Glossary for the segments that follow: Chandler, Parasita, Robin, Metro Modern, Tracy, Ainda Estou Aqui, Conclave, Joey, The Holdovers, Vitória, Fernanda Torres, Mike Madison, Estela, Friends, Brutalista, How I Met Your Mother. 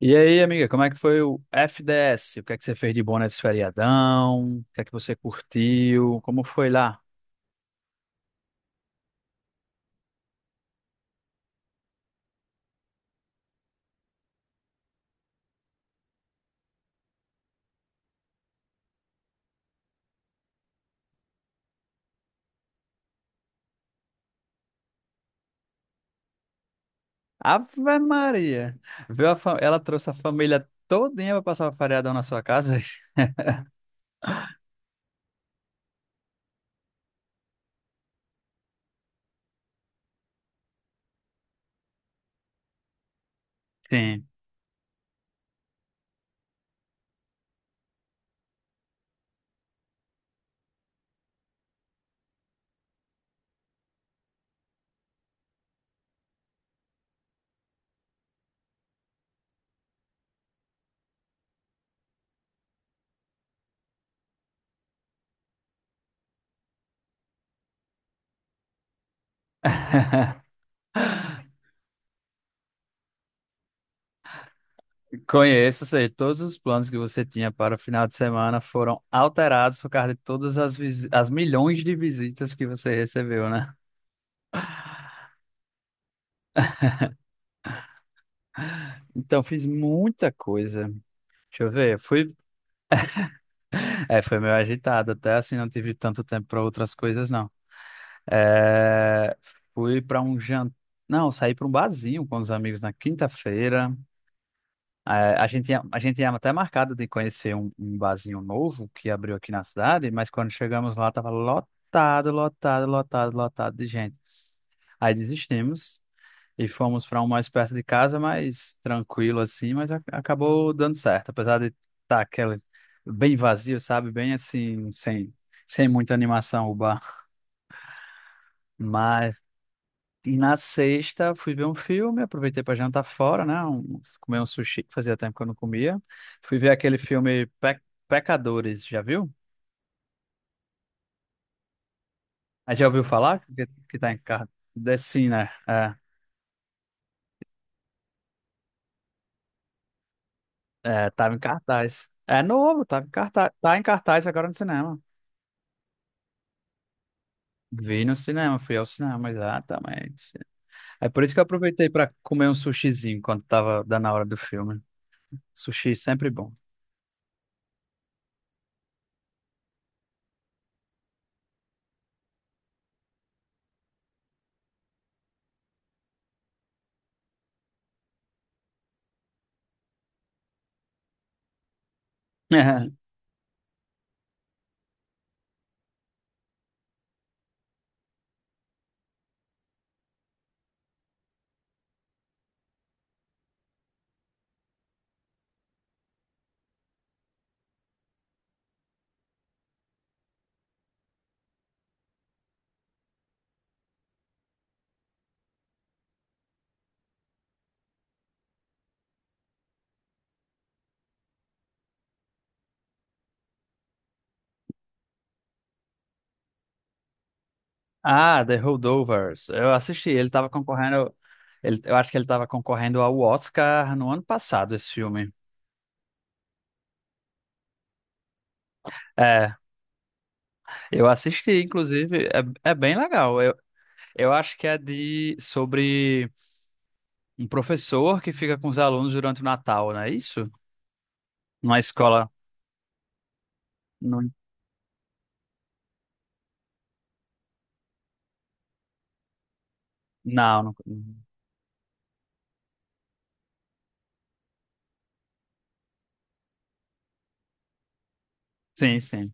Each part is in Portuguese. E aí, amiga, como é que foi o FDS? O que é que você fez de bom nesse feriadão? O que é que você curtiu? Como foi lá? Ave Maria! Ela trouxe a família todinha para passar o feriadão na sua casa? Sim. Conheço, sei, todos os planos que você tinha para o final de semana foram alterados por causa de todas as milhões de visitas que você recebeu, né? Então, fiz muita coisa. Deixa eu ver, foi meio agitado, até assim, não tive tanto tempo para outras coisas, não. É, fui para um jantar. Não, saí para um barzinho com os amigos na quinta-feira. É, a gente tinha até marcado de conhecer um barzinho novo que abriu aqui na cidade, mas quando chegamos lá estava lotado, lotado, lotado, lotado de gente. Aí desistimos e fomos para um mais perto de casa, mais tranquilo assim, mas acabou dando certo, apesar de estar aquele bem vazio, sabe? Bem assim, sem muita animação o bar. Mas E na sexta fui ver um filme, aproveitei para jantar fora, né? Comer um sushi, que fazia tempo que eu não comia. Fui ver aquele filme Pecadores, já viu? Ah, já ouviu falar? Que tá em cartaz. Sim, né? É, é, tava em cartaz. É novo, tava em cartaz, tá em cartaz agora no cinema. Vi no cinema, fui ao cinema, exatamente. É por isso que eu aproveitei para comer um sushizinho quando tava dando a hora do filme. Sushi sempre bom. Ah, The Holdovers. Eu assisti, ele estava concorrendo. Eu acho que ele estava concorrendo ao Oscar no ano passado, esse filme. É, eu assisti, inclusive, é bem legal. Eu acho que é de sobre um professor que fica com os alunos durante o Natal, não é isso? Numa escola. Não, não, não. Sim, sim.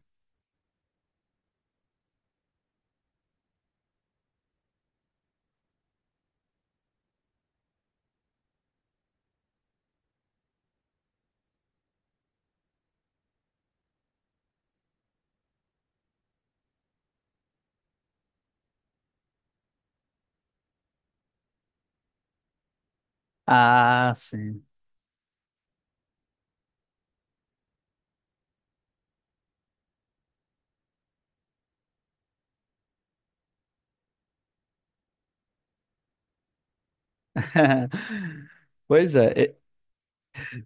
Ah, sim. Pois é,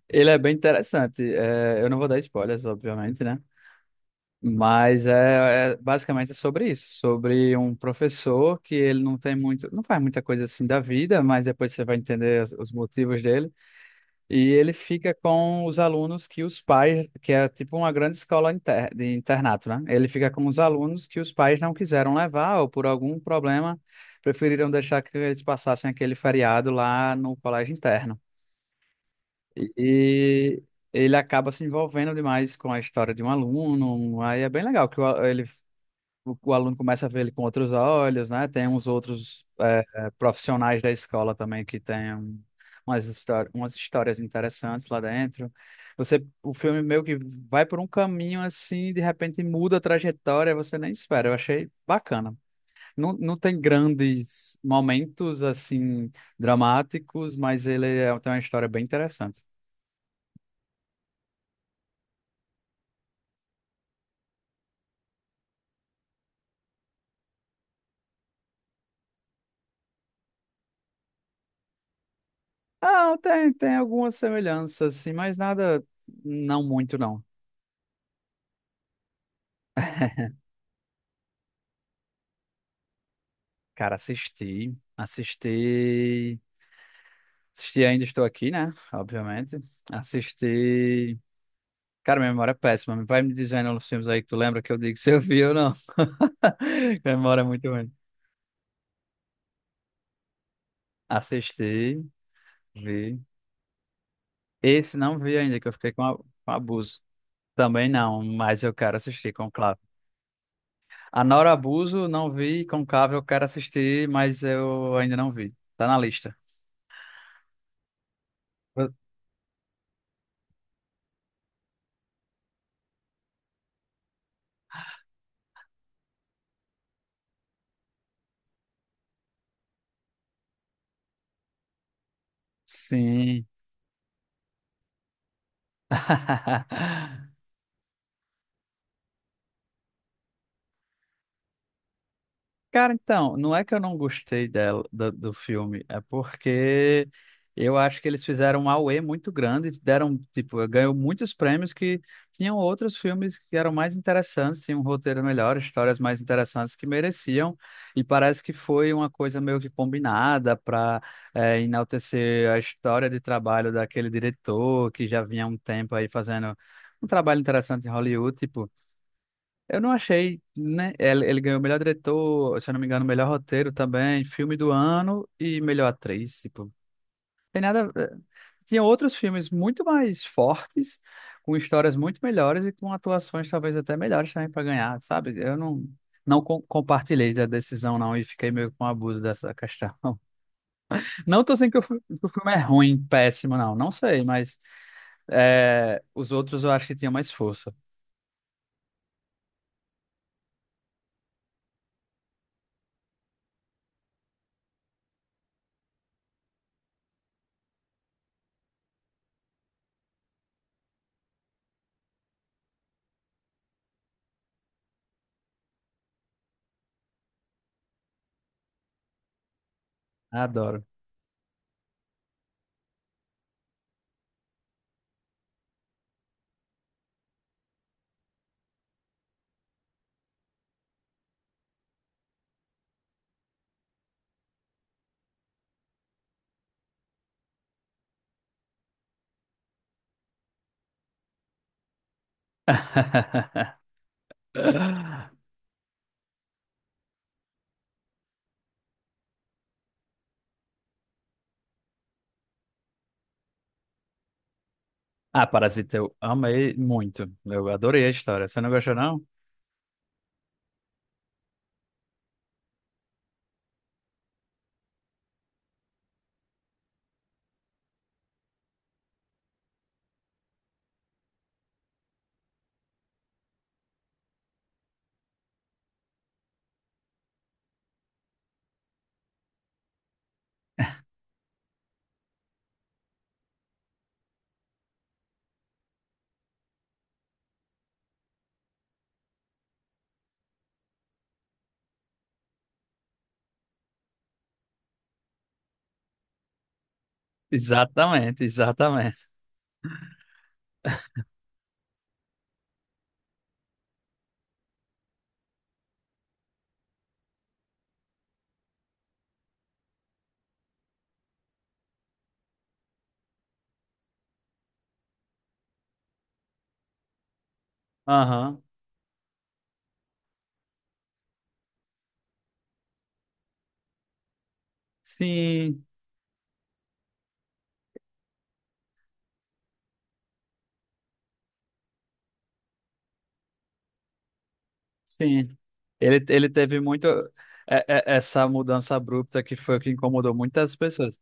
ele é bem interessante. É, eu não vou dar spoilers, obviamente, né? Mas basicamente é sobre isso, sobre um professor que ele não tem muito, não faz muita coisa assim da vida, mas depois você vai entender os motivos dele. E ele fica com os alunos que os pais, que é tipo uma grande escola de internato, né? Ele fica com os alunos que os pais não quiseram levar ou por algum problema preferiram deixar que eles passassem aquele feriado lá no colégio interno. E, Ele acaba se envolvendo demais com a história de um aluno. Aí é bem legal que o aluno começa a ver ele com outros olhos, né? Tem uns outros profissionais da escola também que têm umas histórias interessantes lá dentro. O filme meio que vai por um caminho assim, de repente muda a trajetória, você nem espera. Eu achei bacana. Não, não tem grandes momentos assim dramáticos, mas tem uma história bem interessante. Ah, tem, tem algumas semelhanças, assim, mas nada, não muito, não. Cara, assisti Ainda Estou Aqui, né? Obviamente. Assisti. Cara, minha memória é péssima. Vai me dizendo os filmes aí que tu lembra que eu digo se eu vi ou não. Minha memória é muito ruim. Assisti, vi. Esse não vi ainda, que eu fiquei com abuso. Também não, mas eu quero assistir com Conclave. A Nora Abuso não vi, Conclave eu quero assistir, mas eu ainda não vi. Tá na lista. Sim. Cara, então, não é que eu não gostei dela, do filme, é porque eu acho que eles fizeram um auê muito grande, deram, tipo, ganhou muitos prêmios que tinham outros filmes que eram mais interessantes, tinham um roteiro melhor, histórias mais interessantes que mereciam, e parece que foi uma coisa meio que combinada para enaltecer a história de trabalho daquele diretor que já vinha há um tempo aí fazendo um trabalho interessante em Hollywood, tipo. Eu não achei, né? Ele ganhou o melhor diretor, se eu não me engano, o melhor roteiro também, filme do ano e melhor atriz. Tipo, tem nada. Tinha outros filmes muito mais fortes, com histórias muito melhores e com atuações talvez até melhores também para ganhar, sabe? Eu não, não com- Compartilhei da decisão, não, e fiquei meio com abuso dessa questão. Não tô dizendo que o filme é ruim, péssimo, não. Não sei, mas os outros eu acho que tinham mais força. Adoro. Ah, Parasita, eu amei muito. Eu adorei a história. Você não gostou, não? Exatamente, exatamente. Aham. Sim, sim. Ele teve muito essa mudança abrupta que foi o que incomodou muitas pessoas.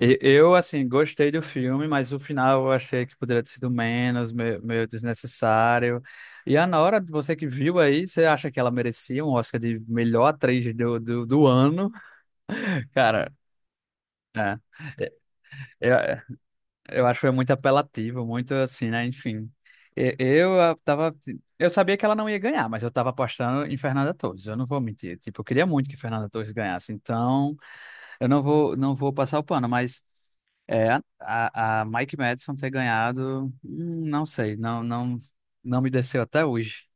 Eu assim, gostei do filme, mas o final eu achei que poderia ter sido menos, meio, meio desnecessário. E a Nora, você que viu aí, você acha que ela merecia um Oscar de melhor atriz do ano? Cara, é. É, é, Eu acho que foi muito apelativo, muito assim, né? Enfim. Tava. Eu sabia que ela não ia ganhar, mas eu tava apostando em Fernanda Torres. Eu não vou mentir. Tipo, eu queria muito que Fernanda Torres ganhasse. Então, eu não vou, não vou passar o pano, mas é, a Mike Madison ter ganhado, não sei, não, não me desceu até hoje.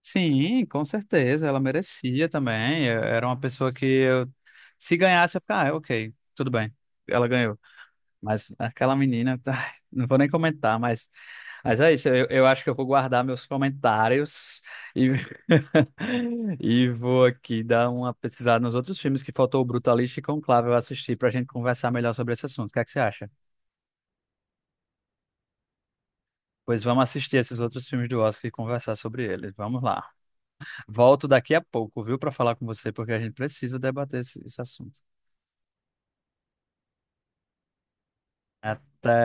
Sim, com certeza, ela merecia também. Era uma pessoa que, se ganhasse, eu ficava, ah, ok, tudo bem. Ela ganhou. Mas aquela menina, ai, não vou nem comentar, mas é isso. Eu acho que eu vou guardar meus comentários e, e vou aqui dar uma pesquisada nos outros filmes que faltou o Brutalista e Conclave eu assistir para a gente conversar melhor sobre esse assunto. O que é que você acha? Pois vamos assistir esses outros filmes do Oscar e conversar sobre eles. Vamos lá. Volto daqui a pouco, viu, para falar com você, porque a gente precisa debater esse assunto. Até.